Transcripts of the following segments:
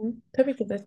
Hı, tabii ki de.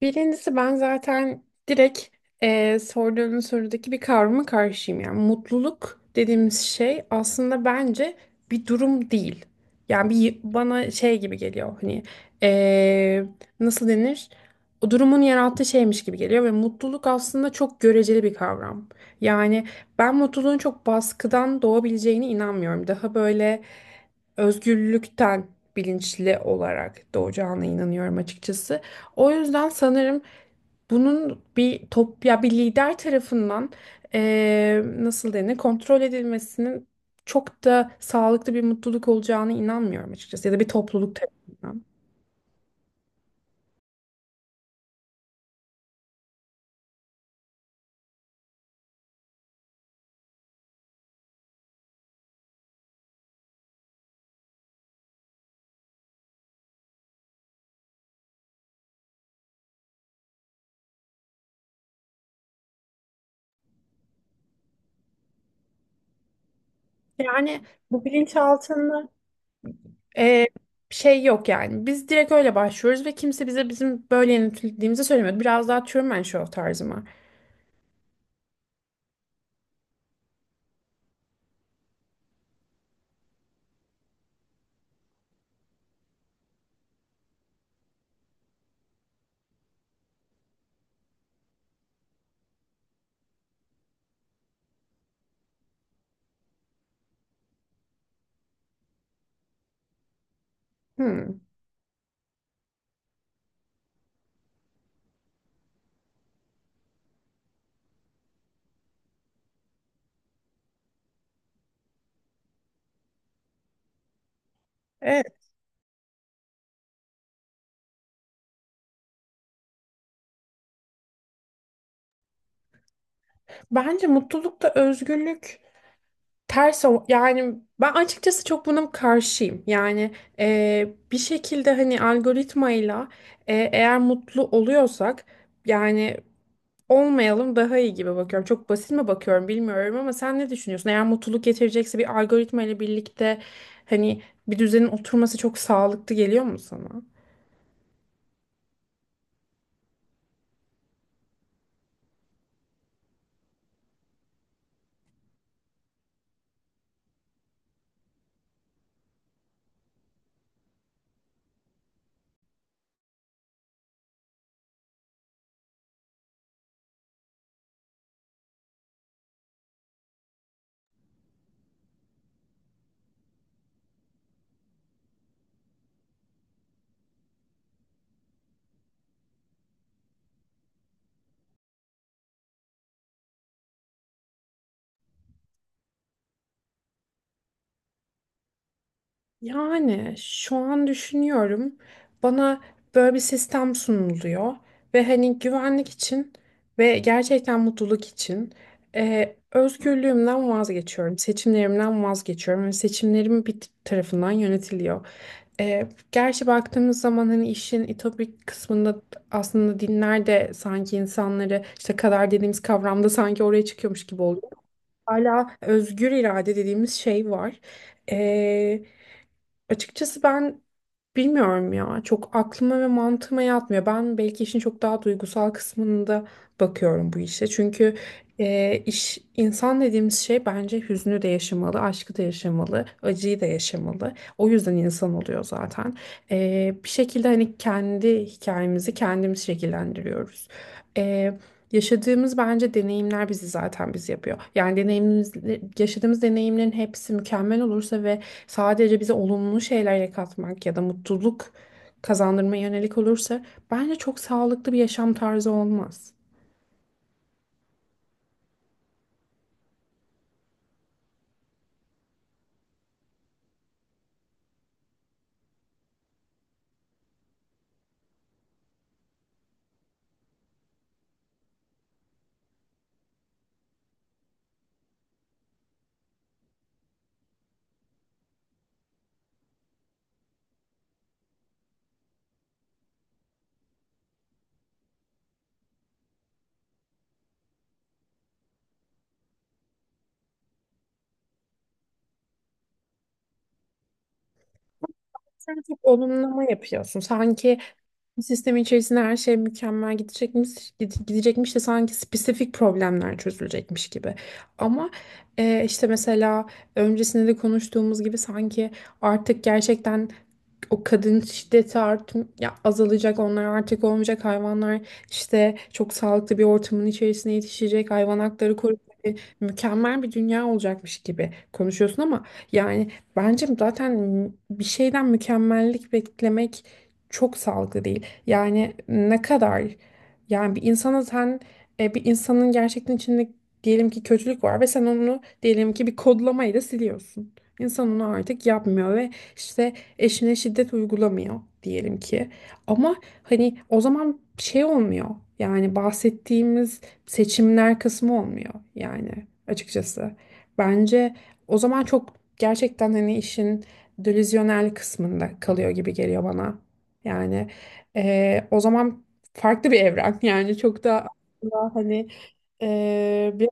Birincisi ben zaten direkt sorduğun sorudaki bir kavrama karşıyım. Yani mutluluk dediğimiz şey aslında bence bir durum değil. Yani bir bana şey gibi geliyor hani eee, nasıl denir? O durumun yarattığı şeymiş gibi geliyor ve mutluluk aslında çok göreceli bir kavram. Yani ben mutluluğun çok baskıdan doğabileceğine inanmıyorum. Daha böyle özgürlükten bilinçli olarak doğacağına inanıyorum açıkçası. O yüzden sanırım bunun bir top ya bir lider tarafından nasıl denir, kontrol edilmesinin çok da sağlıklı bir mutluluk olacağına inanmıyorum açıkçası, ya da bir topluluk tarafından. Yani bu bilinçaltını Ee, şey yok yani. Biz direkt öyle başlıyoruz ve kimse bize bizim böyle yönetildiğimizi söylemiyor. Biraz daha Truman Show tarzı mı? Hmm. Evet. Bence mutlulukta özgürlük ters o- yani ben açıkçası çok buna karşıyım. Yani bir şekilde hani algoritmayla eğer mutlu oluyorsak yani olmayalım daha iyi gibi bakıyorum. Çok basit mi bakıyorum bilmiyorum ama sen ne düşünüyorsun? Eğer mutluluk getirecekse bir algoritma ile birlikte hani bir düzenin oturması çok sağlıklı geliyor mu sana? Yani şu an düşünüyorum, bana böyle bir sistem sunuluyor ve hani güvenlik için ve gerçekten mutluluk için özgürlüğümden vazgeçiyorum, seçimlerimden vazgeçiyorum ve seçimlerim bir t- tarafından yönetiliyor. E, gerçi baktığımız zaman hani işin ütopik kısmında aslında dinler de sanki insanları işte kader dediğimiz kavramda sanki oraya çıkıyormuş gibi oluyor. Hala özgür irade dediğimiz şey var. Açıkçası ben bilmiyorum ya. Çok aklıma ve mantığıma yatmıyor. Ben belki işin çok daha duygusal kısmında bakıyorum bu işe. Çünkü iş insan dediğimiz şey bence hüznü de yaşamalı, aşkı da yaşamalı, acıyı da yaşamalı. O yüzden insan oluyor zaten. E, bir şekilde hani kendi hikayemizi kendimiz şekillendiriyoruz. E, yaşadığımız bence deneyimler bizi zaten biz yapıyor. Yani deneyimimiz, yaşadığımız deneyimlerin hepsi mükemmel olursa ve sadece bize olumlu şeyler katmak ya da mutluluk kazandırmaya yönelik olursa bence çok sağlıklı bir yaşam tarzı olmaz. Sen çok olumlama yapıyorsun. Sanki bir sistemin içerisinde her şey mükemmel gidecekmiş, gidecekmiş de sanki spesifik problemler çözülecekmiş gibi. Ama işte mesela öncesinde de konuştuğumuz gibi sanki artık gerçekten o kadın şiddeti art ya azalacak, onlar artık olmayacak, hayvanlar işte çok sağlıklı bir ortamın içerisine yetişecek, hayvan hakları koruyacak, mükemmel bir dünya olacakmış gibi konuşuyorsun ama yani bence zaten bir şeyden mükemmellik beklemek çok sağlıklı değil. Yani ne kadar yani bir insana sen bir insanın gerçekten içinde diyelim ki kötülük var ve sen onu diyelim ki bir kodlamayla siliyorsun. İnsan onu artık yapmıyor ve işte eşine şiddet uygulamıyor diyelim ki. Ama hani o zaman şey olmuyor. Yani bahsettiğimiz seçimler kısmı olmuyor yani açıkçası. Bence o zaman çok gerçekten hani işin delüzyonel kısmında kalıyor gibi geliyor bana. Yani o zaman farklı bir evren yani çok da aslında hani bir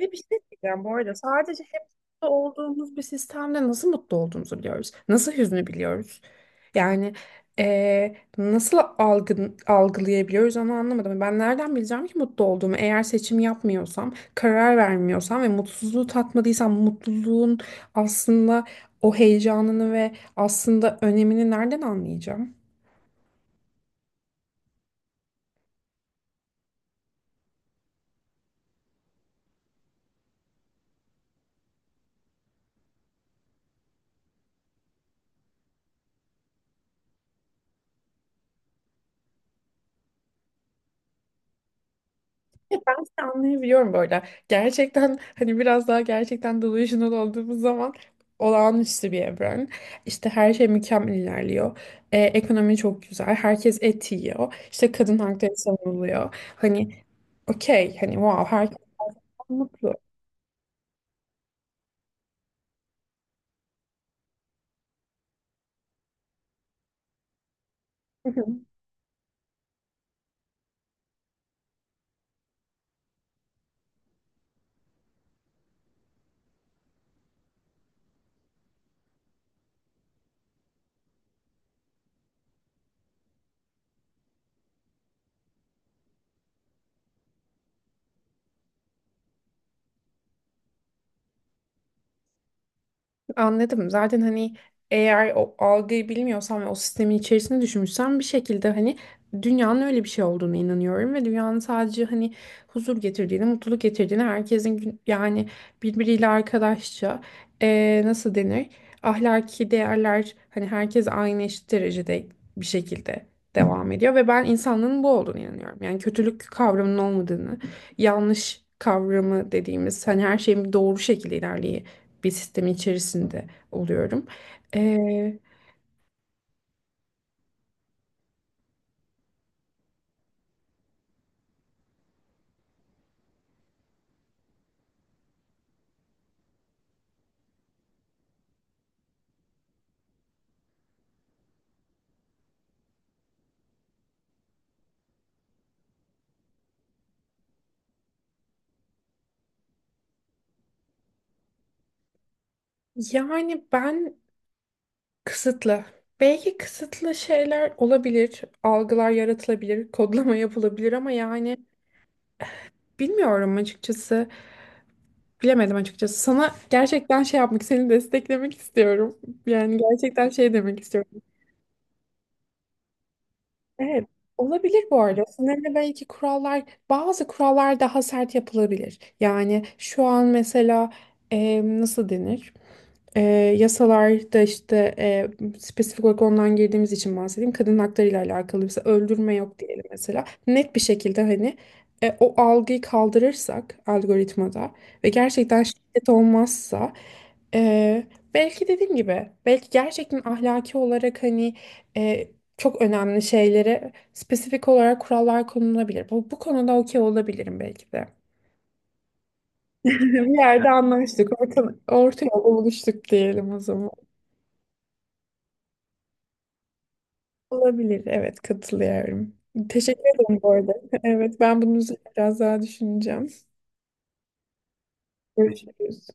ve bir şey diyeceğim bu arada, sadece hep mutlu olduğumuz bir sistemde nasıl mutlu olduğumuzu biliyoruz. Nasıl hüznü biliyoruz. Yani nasıl algılayabiliyoruz onu anlamadım. Ben nereden bileceğim ki mutlu olduğumu? Eğer seçim yapmıyorsam, karar vermiyorsam ve mutsuzluğu tatmadıysam mutluluğun aslında o heyecanını ve aslında önemini nereden anlayacağım? Ya ben seni anlayabiliyorum böyle. Gerçekten hani biraz daha gerçekten delusional olduğumuz zaman olağanüstü bir evren. İşte her şey mükemmel ilerliyor. Ekonomi çok güzel. Herkes et yiyor. İşte kadın hakları savunuluyor. Hani okey hani wow herkes mutlu. Anladım. Zaten hani eğer o algıyı bilmiyorsan ve o sistemin içerisinde düşünmüşsen bir şekilde hani dünyanın öyle bir şey olduğunu inanıyorum ve dünyanın sadece hani huzur getirdiğini, mutluluk getirdiğini, herkesin gün- yani birbiriyle arkadaşça nasıl denir? Ahlaki değerler, hani herkes aynı eşit derecede bir şekilde devam ediyor ve ben insanlığın bu olduğunu inanıyorum. Yani kötülük kavramının olmadığını, yanlış kavramı dediğimiz hani her şeyin doğru şekilde ilerleyi bir sistemin içerisinde oluyorum. Ee, yani ben kısıtlı. Belki kısıtlı şeyler olabilir, algılar yaratılabilir, kodlama yapılabilir ama yani bilmiyorum açıkçası, bilemedim açıkçası. Sana gerçekten şey yapmak, seni desteklemek istiyorum. Yani gerçekten şey demek istiyorum. Evet, olabilir bu arada. Sanırım belki kurallar, bazı kurallar daha sert yapılabilir. Yani şu an mesela nasıl denir? E, yasalarda işte spesifik olarak ondan girdiğimiz için bahsedeyim. Kadın hakları ile alakalı mesela öldürme yok diyelim mesela. Net bir şekilde hani o algıyı kaldırırsak algoritmada ve gerçekten şiddet olmazsa e, belki dediğim gibi belki gerçekten ahlaki olarak hani çok önemli şeylere spesifik olarak kurallar konulabilir. Bu konuda okey olabilirim belki de. Bir yerde anlaştık. Orta yolda buluştuk diyelim o zaman. Olabilir. Evet katılıyorum. Teşekkür ederim bu arada. Evet ben bunun üzerine biraz daha düşüneceğim. Görüşürüz.